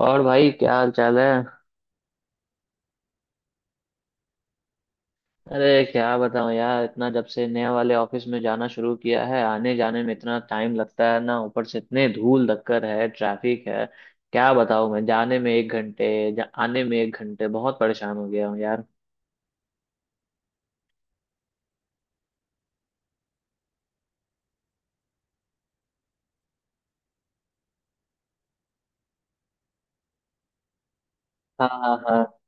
और भाई, क्या हाल चाल है? अरे क्या बताऊं यार, इतना जब से नए वाले ऑफिस में जाना शुरू किया है, आने जाने में इतना टाइम लगता है ना। ऊपर से इतने धूल धक्कर है, ट्रैफिक है। क्या बताऊं, मैं जाने में 1 घंटे आने में 1 घंटे। बहुत परेशान हो गया हूँ यार। हाँ हाँ हाँ।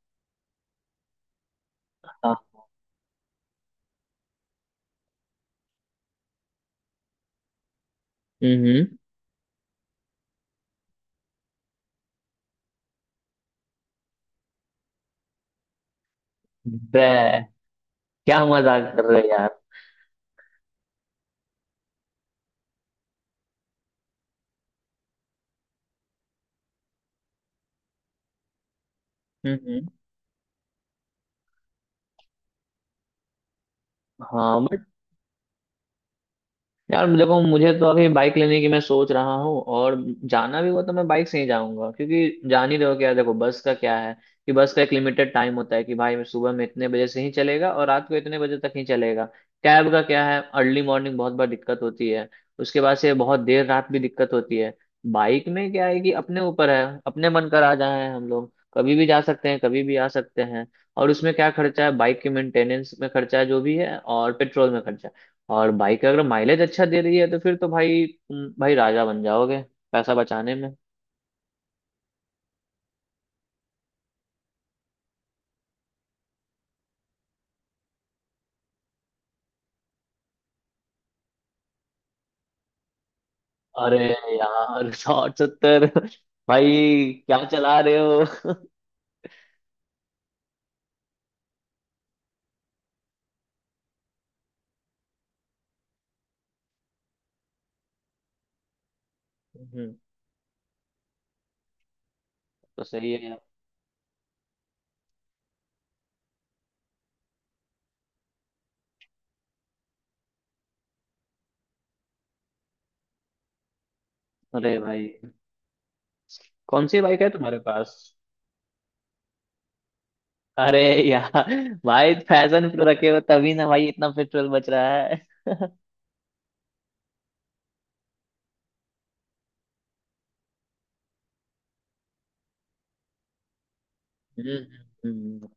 हाँ। हम्म। बे! क्या मजाक कर रहे हो यार? हम्म। हाँ। यार देखो, मुझे तो अभी बाइक लेने की मैं सोच रहा हूँ। और जाना भी हुआ तो मैं बाइक से ही जाऊंगा, क्योंकि जान ही रहे हो क्या। देखो, बस का क्या है कि बस का एक लिमिटेड टाइम होता है कि भाई मैं सुबह में इतने बजे से ही चलेगा और रात को इतने बजे तक ही चलेगा। कैब का क्या है, अर्ली मॉर्निंग बहुत बार दिक्कत होती है, उसके बाद से बहुत देर रात भी दिक्कत होती है। बाइक में क्या है कि अपने ऊपर है, अपने मन कर आ जाए, हम लोग कभी भी जा सकते हैं, कभी भी आ सकते हैं। और उसमें क्या खर्चा है? बाइक के मेंटेनेंस में खर्चा है जो भी है, और पेट्रोल में खर्चा है। और बाइक अगर माइलेज अच्छा दे रही है तो फिर तो भाई, तुम भाई राजा बन जाओगे पैसा बचाने में। अरे यार! 170? भाई क्या चला रहे हो? हम्म। तो सही है यार। अरे भाई, कौन सी बाइक है तुम्हारे पास? अरे यार! भाई, फैशन प्रो रखे हो तभी ना भाई, इतना पेट्रोल बच रहा है। हम्म।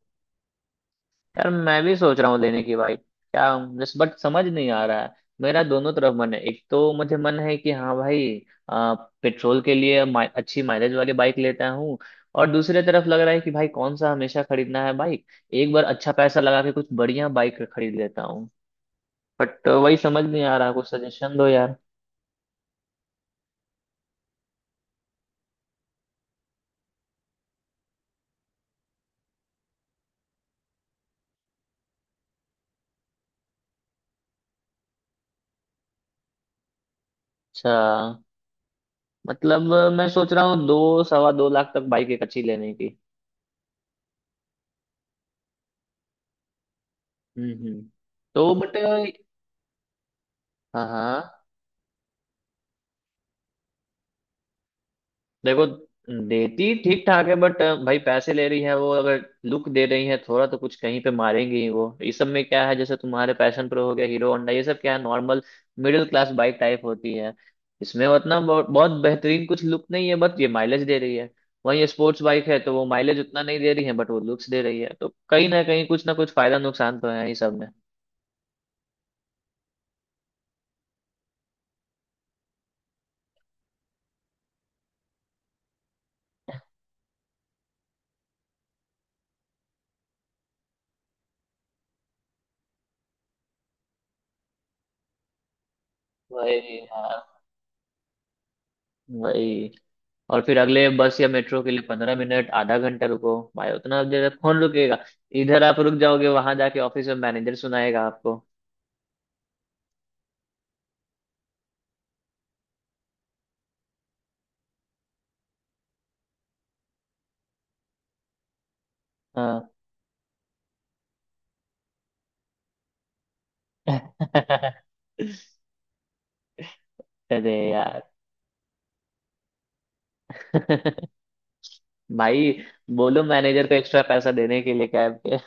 यार मैं भी सोच रहा हूँ लेने की भाई, क्या जस्ट बट समझ नहीं आ रहा है। मेरा दोनों तरफ मन है। एक तो मुझे मन है कि हाँ भाई, आ, पेट्रोल के लिए अच्छी माइलेज वाली बाइक लेता हूँ। और दूसरे तरफ लग रहा है कि भाई कौन सा हमेशा खरीदना है बाइक। एक बार अच्छा पैसा लगा के कुछ बढ़िया बाइक खरीद लेता हूँ। बट वही समझ नहीं आ रहा, कुछ सजेशन दो यार। अच्छा, मतलब मैं सोच रहा हूँ दो सवा दो लाख तक बाइक एक अच्छी लेने की। हम्म। तो बट, हाँ हाँ। देखो, देती ठीक ठाक है बट भाई पैसे ले रही है वो। अगर लुक दे रही है थोड़ा तो कुछ कहीं पे मारेंगे ही वो। इस सब में क्या है? जैसे तुम्हारे पैशन प्रो हो गया, हीरो होंडा, ये सब क्या है, normal middle class bike type होती है। इसमें उतना बहुत बहुत बेहतरीन कुछ लुक नहीं है, बट ये माइलेज दे रही है। वहीं स्पोर्ट्स बाइक है तो वो माइलेज उतना नहीं दे रही है, बट वो लुक्स दे रही है। तो कहीं ना कहीं कुछ ना कुछ फायदा नुकसान तो है ही सब में। वही यार, वही। और फिर अगले बस या मेट्रो के लिए 15 मिनट आधा घंटा रुको, भाई उतना देर तक कौन रुकेगा? इधर आप रुक जाओगे, वहां जाके ऑफिस में मैनेजर सुनाएगा आपको। हाँ। अरे यार! भाई, बोलो मैनेजर को एक्स्ट्रा पैसा देने के लिए कैब के।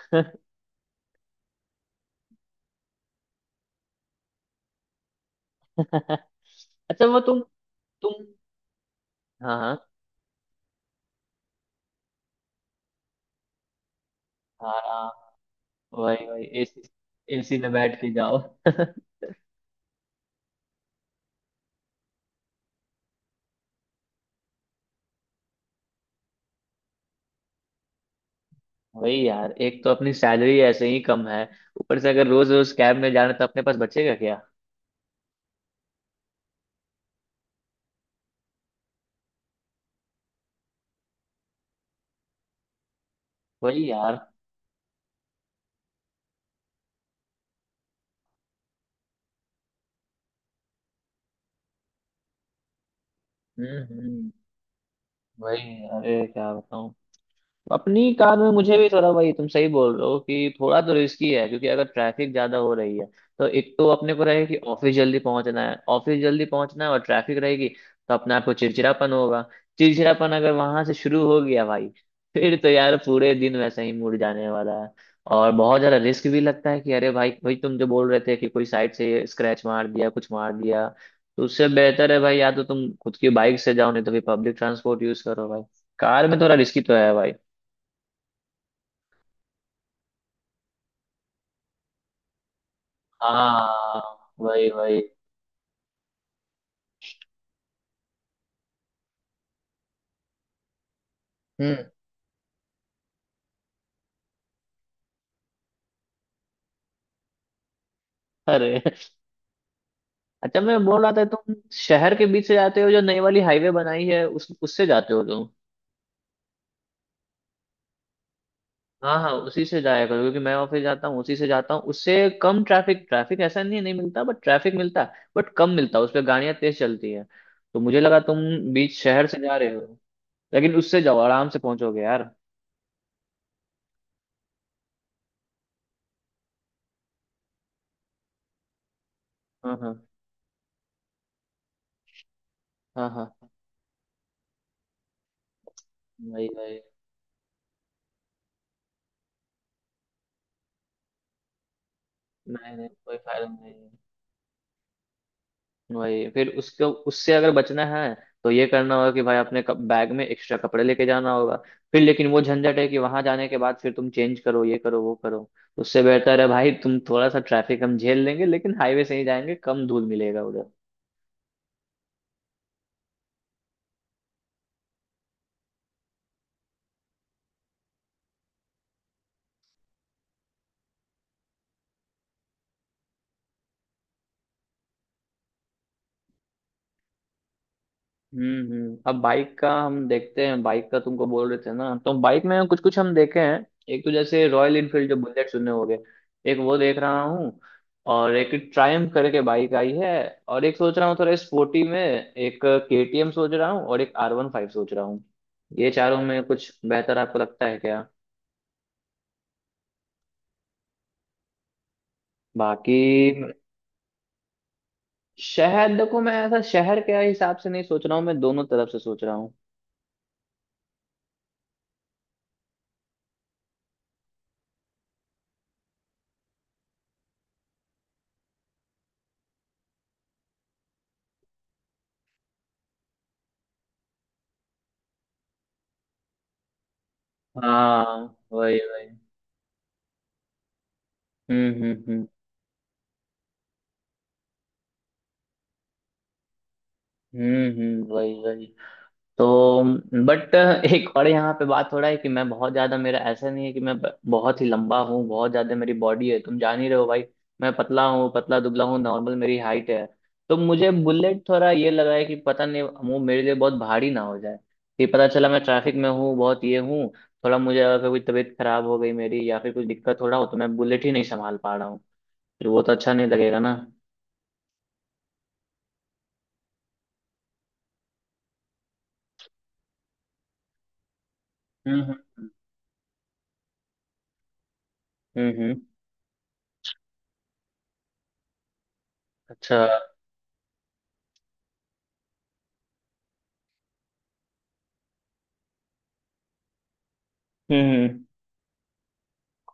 अच्छा, वो तुम, हाँ हाँ। हाँ हाँ, वही वही, एसी, एसी में बैठ के जाओ। वही यार, एक तो अपनी सैलरी ऐसे ही कम है। ऊपर से अगर रोज रोज कैब में जाना, तो अपने पास बचेगा क्या? वही यार। हम्म हम्म, वही। अरे क्या बताऊं। अपनी कार में मुझे भी थोड़ा, भाई तुम सही बोल रहे हो कि थोड़ा तो रिस्की है, क्योंकि अगर ट्रैफिक ज्यादा हो रही है तो एक तो अपने को रहेगा कि ऑफिस जल्दी पहुंचना है, ऑफिस जल्दी पहुंचना है, और ट्रैफिक रहेगी, तो अपने आप को चिड़चिड़ापन होगा। चिड़चिड़ापन अगर वहां से शुरू हो गया भाई, फिर तो यार पूरे दिन वैसे ही मुड़ जाने वाला है। और बहुत ज्यादा रिस्क भी लगता है कि अरे भाई भाई, तुम जो बोल रहे थे कि कोई साइड से स्क्रैच मार दिया, कुछ मार दिया। तो उससे बेहतर है भाई, या तो तुम खुद की बाइक से जाओ, नहीं तो फिर पब्लिक ट्रांसपोर्ट यूज करो भाई। कार में थोड़ा रिस्की तो है भाई। हाँ, वही वही। हम्म। अरे, अच्छा, मैं बोल रहा था, तुम शहर के बीच से जाते हो, जो नई वाली हाईवे बनाई है, उस उससे जाते हो तुम? हाँ हाँ, उसी से जाया करो, क्योंकि मैं ऑफिस जाता हूँ उसी से जाता हूँ। उससे कम ट्रैफिक, ट्रैफिक ऐसा नहीं है, नहीं मिलता, बट ट्रैफिक मिलता है बट कम मिलता है। उस पर गाड़ियाँ तेज चलती है। तो मुझे लगा तुम बीच शहर से जा रहे हो। लेकिन उससे जाओ, आराम से पहुंचोगे यार। हाँ हाँ। हाँ हाँ, वही वही। नहीं नहीं, कोई फायदा नहीं। वही, फिर उसको उससे अगर बचना है, तो ये करना होगा कि भाई अपने बैग में एक्स्ट्रा कपड़े लेके जाना होगा। फिर लेकिन वो झंझट है कि वहां जाने के बाद फिर तुम चेंज करो, ये करो वो करो। उससे बेहतर है भाई, तुम थोड़ा सा ट्रैफिक हम झेल लेंगे लेकिन हाईवे से ही जाएंगे। कम धूल मिलेगा उधर। अब बाइक का हम देखते हैं, बाइक का तुमको बोल रहे थे ना। तो बाइक में कुछ कुछ हम देखे हैं। एक तो जैसे रॉयल इनफील्ड, जो बुलेट सुने होगे। एक वो देख रहा हूँ। और एक ट्रायम्फ करके बाइक आई है। और एक सोच रहा हूँ थोड़ा स्पोर्टी में, एक केटीएम सोच रहा हूँ, और एक R15 सोच रहा हूँ। ये चारों में कुछ बेहतर आपको लगता है क्या? बाकी शहर, देखो मैं ऐसा शहर के हिसाब से नहीं सोच रहा हूँ, मैं दोनों तरफ से सोच रहा हूँ। हाँ, वही वही। हम्म। वही वही। तो बट, एक और यहाँ पे बात हो रहा है कि मैं बहुत ज्यादा, मेरा ऐसा नहीं है कि मैं बहुत ही लंबा हूँ, बहुत ज्यादा मेरी बॉडी है, तुम जान ही रहे हो भाई। मैं पतला हूँ, पतला दुबला हूँ, नॉर्मल मेरी हाइट है। तो मुझे बुलेट थोड़ा ये लगा है कि पता नहीं वो मेरे लिए बहुत भारी ना हो जाए, कि पता चला मैं ट्रैफिक में हूँ, बहुत ये हूँ। थोड़ा मुझे अगर कोई तबीयत खराब हो गई मेरी, या फिर कुछ दिक्कत हो रहा हो, तो मैं बुलेट ही नहीं संभाल पा रहा हूँ, फिर वो तो अच्छा नहीं लगेगा ना। हम्म हम्म हम्म। हम्म, अच्छा, हम्म।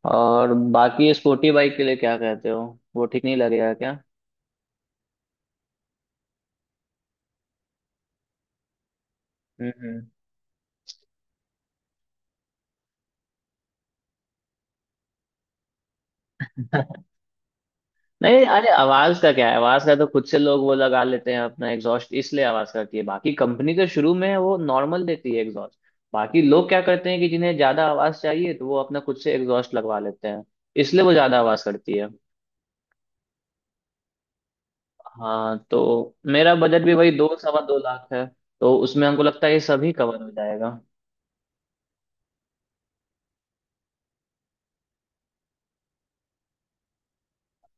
और बाकी स्पोर्टी बाइक के लिए क्या कहते हो? वो ठीक नहीं लगेगा क्या? हम्म हम्म। नहीं, अरे आवाज का क्या है, आवाज का तो खुद से लोग वो लगा लेते हैं अपना एग्जॉस्ट, इसलिए आवाज करती है। बाकी कंपनी तो शुरू में वो नॉर्मल देती है एग्जॉस्ट। बाकी लोग क्या करते हैं कि जिन्हें ज्यादा आवाज चाहिए, तो वो अपना खुद से एग्जॉस्ट लगवा लेते हैं, इसलिए वो ज्यादा आवाज करती है। हाँ, तो मेरा बजट भी वही दो सवा दो लाख है। तो उसमें हमको लगता है ये सभी कवर हो जाएगा।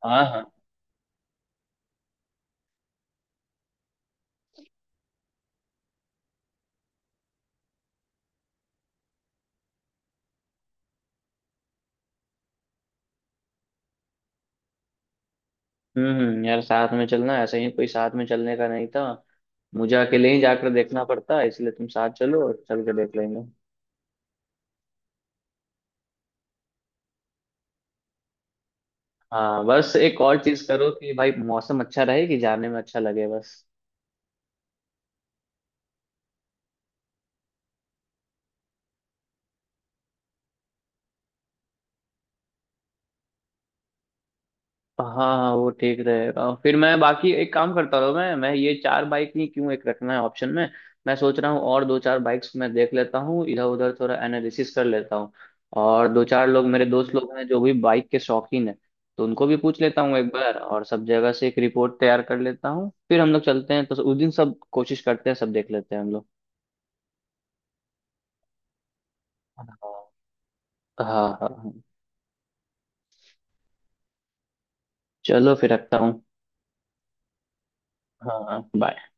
हाँ हाँ। हम्म। यार साथ में चलना ऐसे ही, कोई साथ में चलने का नहीं था। मुझे अकेले ही जाकर देखना पड़ता है, इसलिए तुम साथ चलो और चल के देख लेंगे। हाँ, बस एक और चीज करो कि भाई मौसम अच्छा रहे, कि जाने में अच्छा लगे बस। हाँ हाँ, वो ठीक रहेगा। फिर मैं बाकी एक काम करता हूँ, मैं ये चार बाइक ही क्यों, एक रखना है ऑप्शन में। मैं सोच रहा हूँ और दो चार बाइक्स मैं देख लेता हूँ इधर उधर, थोड़ा एनालिसिस कर लेता हूँ। और दो चार लोग मेरे दोस्त लोग हैं जो भी बाइक के शौकीन है, तो उनको भी पूछ लेता हूँ एक बार, और सब जगह से एक रिपोर्ट तैयार कर लेता हूँ। फिर हम लोग चलते हैं तो उस दिन सब कोशिश करते हैं, सब देख लेते हैं हम लोग। हाँ। हाँ हाँ। चलो फिर रखता हूँ। हाँ, बाय।